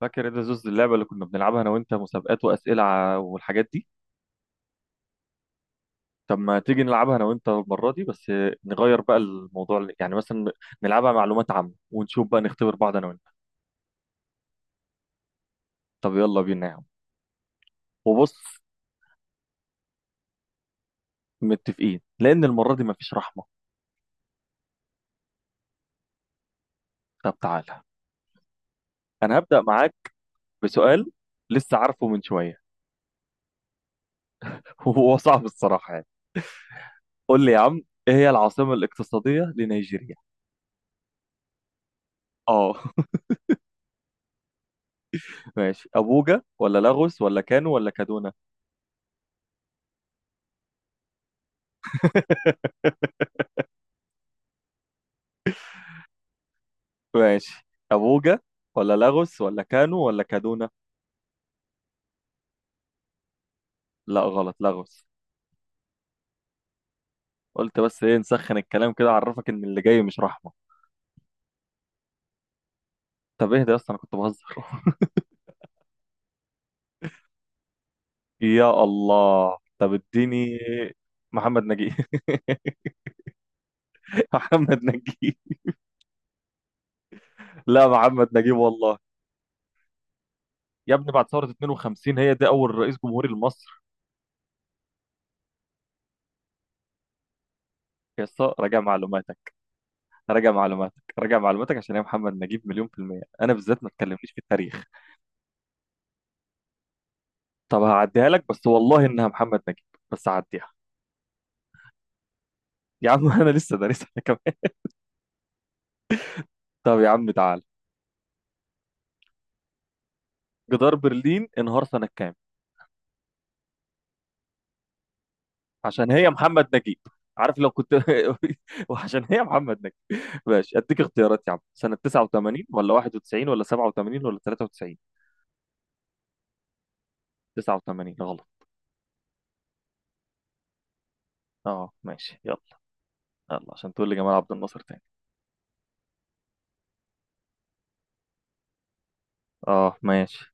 فاكر ايه ده زوز اللعبة اللي كنا بنلعبها أنا وأنت مسابقات وأسئلة والحاجات دي. طب ما تيجي نلعبها أنا وأنت المرة دي بس نغير بقى الموضوع يعني مثلا نلعبها معلومات عامة ونشوف بقى نختبر بعض أنا وأنت. طب يلا بينا يا عم. وبص، متفقين لأن المرة دي مفيش رحمة. طب تعالى، أنا هبدأ معاك بسؤال لسه عارفه من شوية. وهو صعب الصراحة يعني. قول لي يا عم، إيه هي العاصمة الاقتصادية لنيجيريا؟ آه. ماشي، أبوجا ولا لاغوس ولا كانو ولا كادونا؟ ماشي، أبوجا ولا لاغوس ولا كانو ولا كادونا. لا غلط، لاغوس. قلت بس ايه، نسخن الكلام كده اعرفك ان اللي جاي مش رحمة. طب اهدى يا اسطى، انا كنت بهزر. يا الله، طب اديني. محمد نجيب. محمد نجيب. لا محمد نجيب والله. يا ابني بعد ثورة 52 هي دي أول رئيس جمهوري لمصر. يا اسطى راجع معلوماتك، راجع معلوماتك، راجع معلوماتك عشان هي محمد نجيب مليون في المية. أنا بالذات ما تكلمنيش في التاريخ. طب هعديها لك، بس والله إنها محمد نجيب. بس هعديها. يا عم، انا لسه دارسها كمان. طب يا عم تعال، جدار برلين انهار سنة كام؟ عشان هي محمد نجيب. عارف لو كنت وعشان هي محمد نجيب. ماشي اديك اختيارات يا عم، سنة 89 ولا 91 ولا 87 ولا 93؟ 89. غلط. اه ماشي يلا. يلا عشان تقول لي جمال عبد الناصر تاني. اه ماشي.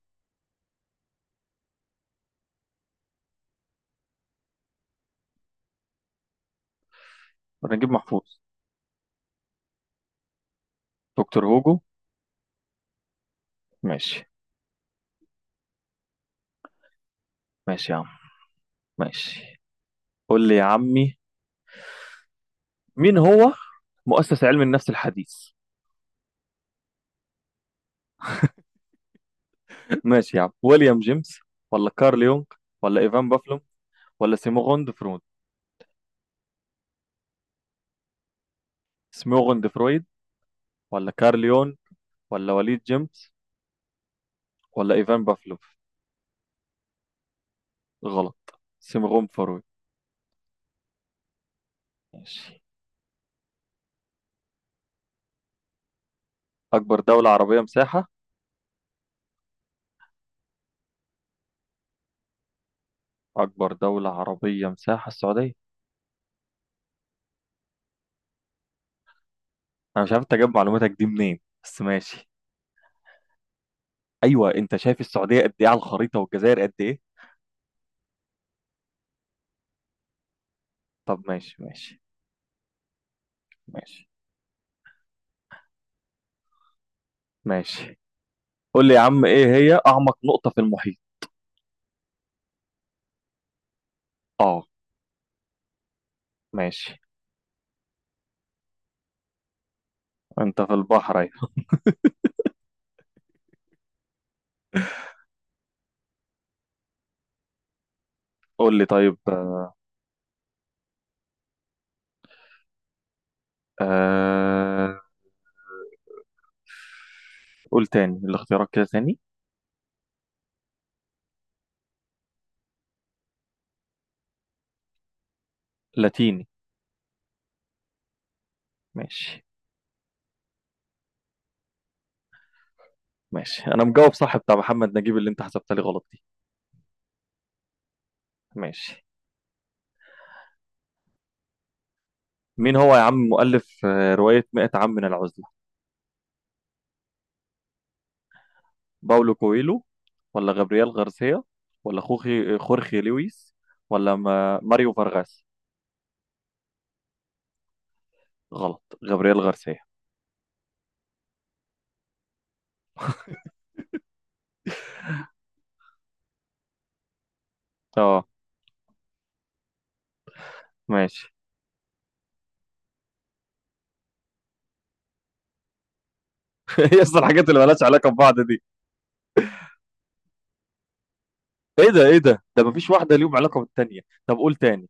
نجيب محفوظ. دكتور هوجو. ماشي. ماشي يا عم. ماشي. قول لي يا عمي، مين هو مؤسس علم النفس الحديث؟ ماشي يا عم، ويليام جيمس ولا كارل يونغ ولا إيفان بافلوم ولا سيموغوند فرويد؟ سيموغوند فرويد ولا كارل يونغ ولا وليد جيمس ولا إيفان بافلوف. غلط، سيموغوند فرويد. ماشي. أكبر دولة عربية مساحة. أكبر دولة عربية مساحة السعودية. أنا مش عارف أنت جايب معلوماتك دي منين، بس ماشي. أيوه، أنت شايف السعودية قد إيه على الخريطة والجزائر قد إيه. طب ماشي ماشي. ماشي ماشي. قول لي يا عم، إيه هي أعمق نقطة في المحيط؟ أه. ماشي. أنت في البحر اهي. قول لي طيب. آه... قول تاني الاختيارات كده تاني. لاتيني. ماشي. ماشي انا مجاوب صح بتاع محمد نجيب اللي انت حسبتها لي غلط دي. ماشي. مين هو يا عم مؤلف رواية 100 عام من العزلة؟ باولو كويلو ولا غابرييل غارسيا ولا خوخي خورخي لويس ولا ما... ماريو فارغاس. غلط، غابرييل غارسيا. اه ماشي. هي اصلا الحاجات اللي مالهاش علاقة ببعض دي. ايه ده ايه ده مفيش واحدة ليهم علاقة بالتانية. طب قول تاني.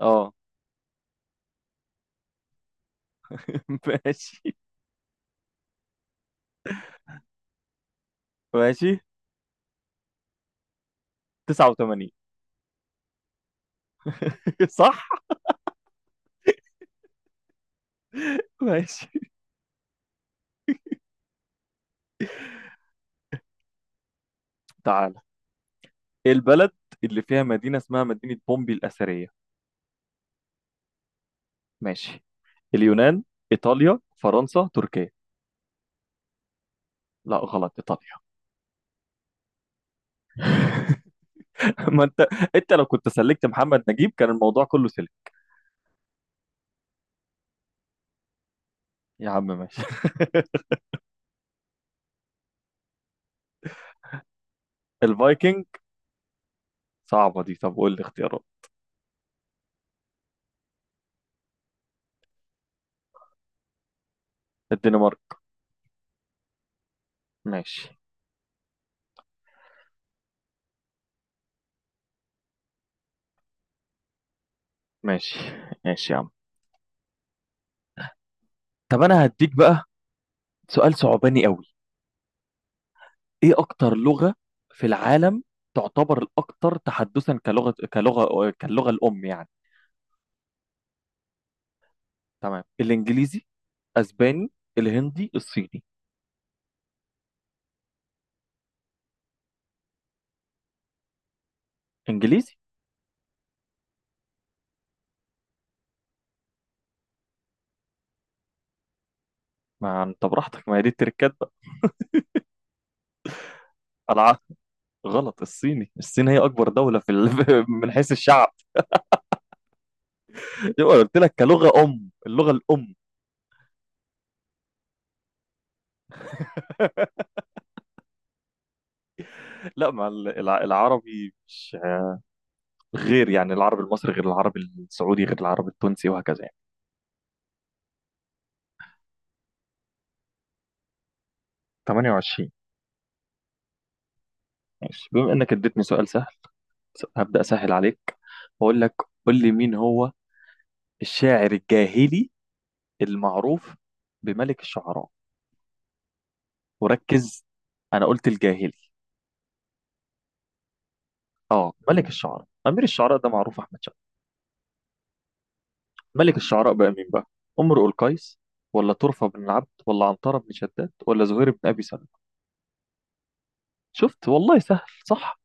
اه. ماشي. ماشي. 89. صح. ماشي. تعال، إيه البلد اللي فيها مدينة اسمها مدينة بومبي الأثرية؟ ماشي. اليونان، إيطاليا، فرنسا، تركيا. لا غلط، إيطاليا. ما أنت، أنت لو كنت سلكت محمد نجيب كان الموضوع كله سلك. يا عم ماشي. الفايكنج. صعبة دي، طب قول لي اختيارات. الدنمارك. ماشي. ماشي. ماشي يا عم. طب أنا هديك بقى سؤال صعباني قوي. ايه اكتر لغة في العالم تعتبر الاكثر تحدثا كلغة كلغة كاللغة الام يعني؟ تمام، الانجليزي، اسباني، الهندي، الصيني. انجليزي. ما انت براحتك، ما هي دي التركات بقى. العقل. غلط، الصيني. الصين هي اكبر دولة في من حيث الشعب. يبقى قلت لك كلغة ام، اللغة الام. لا، ما ال- الع- العربي مش غير يعني، العربي المصري غير العربي السعودي غير العربي التونسي وهكذا يعني. 28. ماشي بما انك اديتني سؤال سهل هبدأ أسهل عليك وأقول لك. قول لي مين هو الشاعر الجاهلي المعروف بملك الشعراء. وركز، أنا قلت الجاهلي. آه، ملك الشعراء. أمير الشعراء ده معروف أحمد شد. ملك الشعراء بقى مين بقى؟ امرؤ القيس ولا طرفة بن العبد ولا عنترة بن شداد ولا زهير بن أبي سلمة؟ شفت والله سهل صح.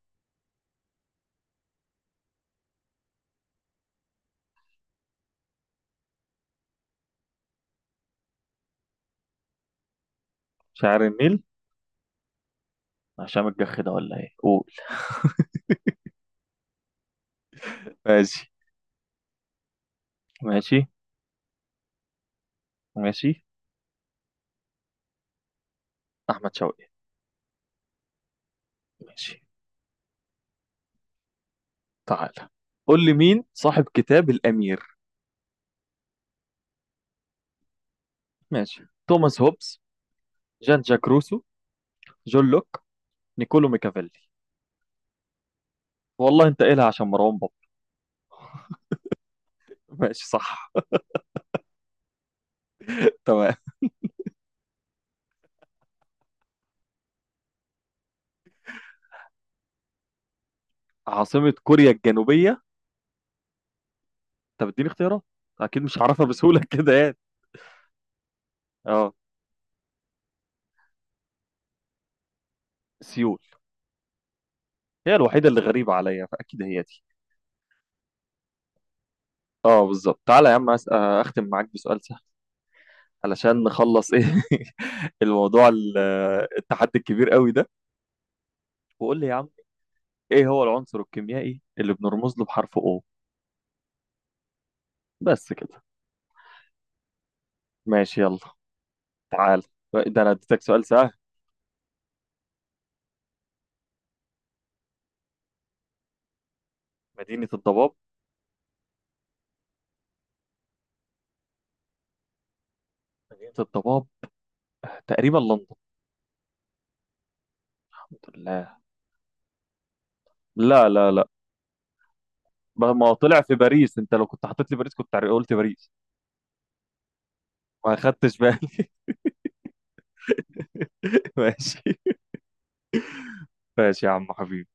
شاعر النيل. هشام الجح ده ولا إيه؟ قول. ماشي. ماشي. ماشي. أحمد شوقي. ماشي. تعالى، قول لي مين صاحب كتاب الأمير؟ ماشي، توماس هوبز، جان جاك روسو، جون لوك، نيكولو ميكافيلي. والله انت قايلها عشان مروان بابا. ماشي صح. تمام. عاصمة كوريا الجنوبية. انت بتديني اختيارات، اكيد مش هعرفها بسهولة كده يعني. اه. سيول. هي الوحيدة اللي غريبة عليا، فاكيد هي دي. اه بالظبط. تعالى يا عم، اختم معاك بسؤال سهل علشان نخلص ايه الموضوع التحدي الكبير قوي ده. وقول لي يا عم، ايه هو العنصر الكيميائي اللي بنرمز له بحرف O؟ بس كده. ماشي يلا. تعال، ده انا اديتك سؤال سهل. مدينة الضباب. مدينة الضباب تقريبا لندن. الحمد لله. لا لا لا، ما هو طلع في باريس، انت لو كنت حطيت لي باريس كنت قلت باريس. ما خدتش بالي. ماشي. ماشي يا عم حبيبي.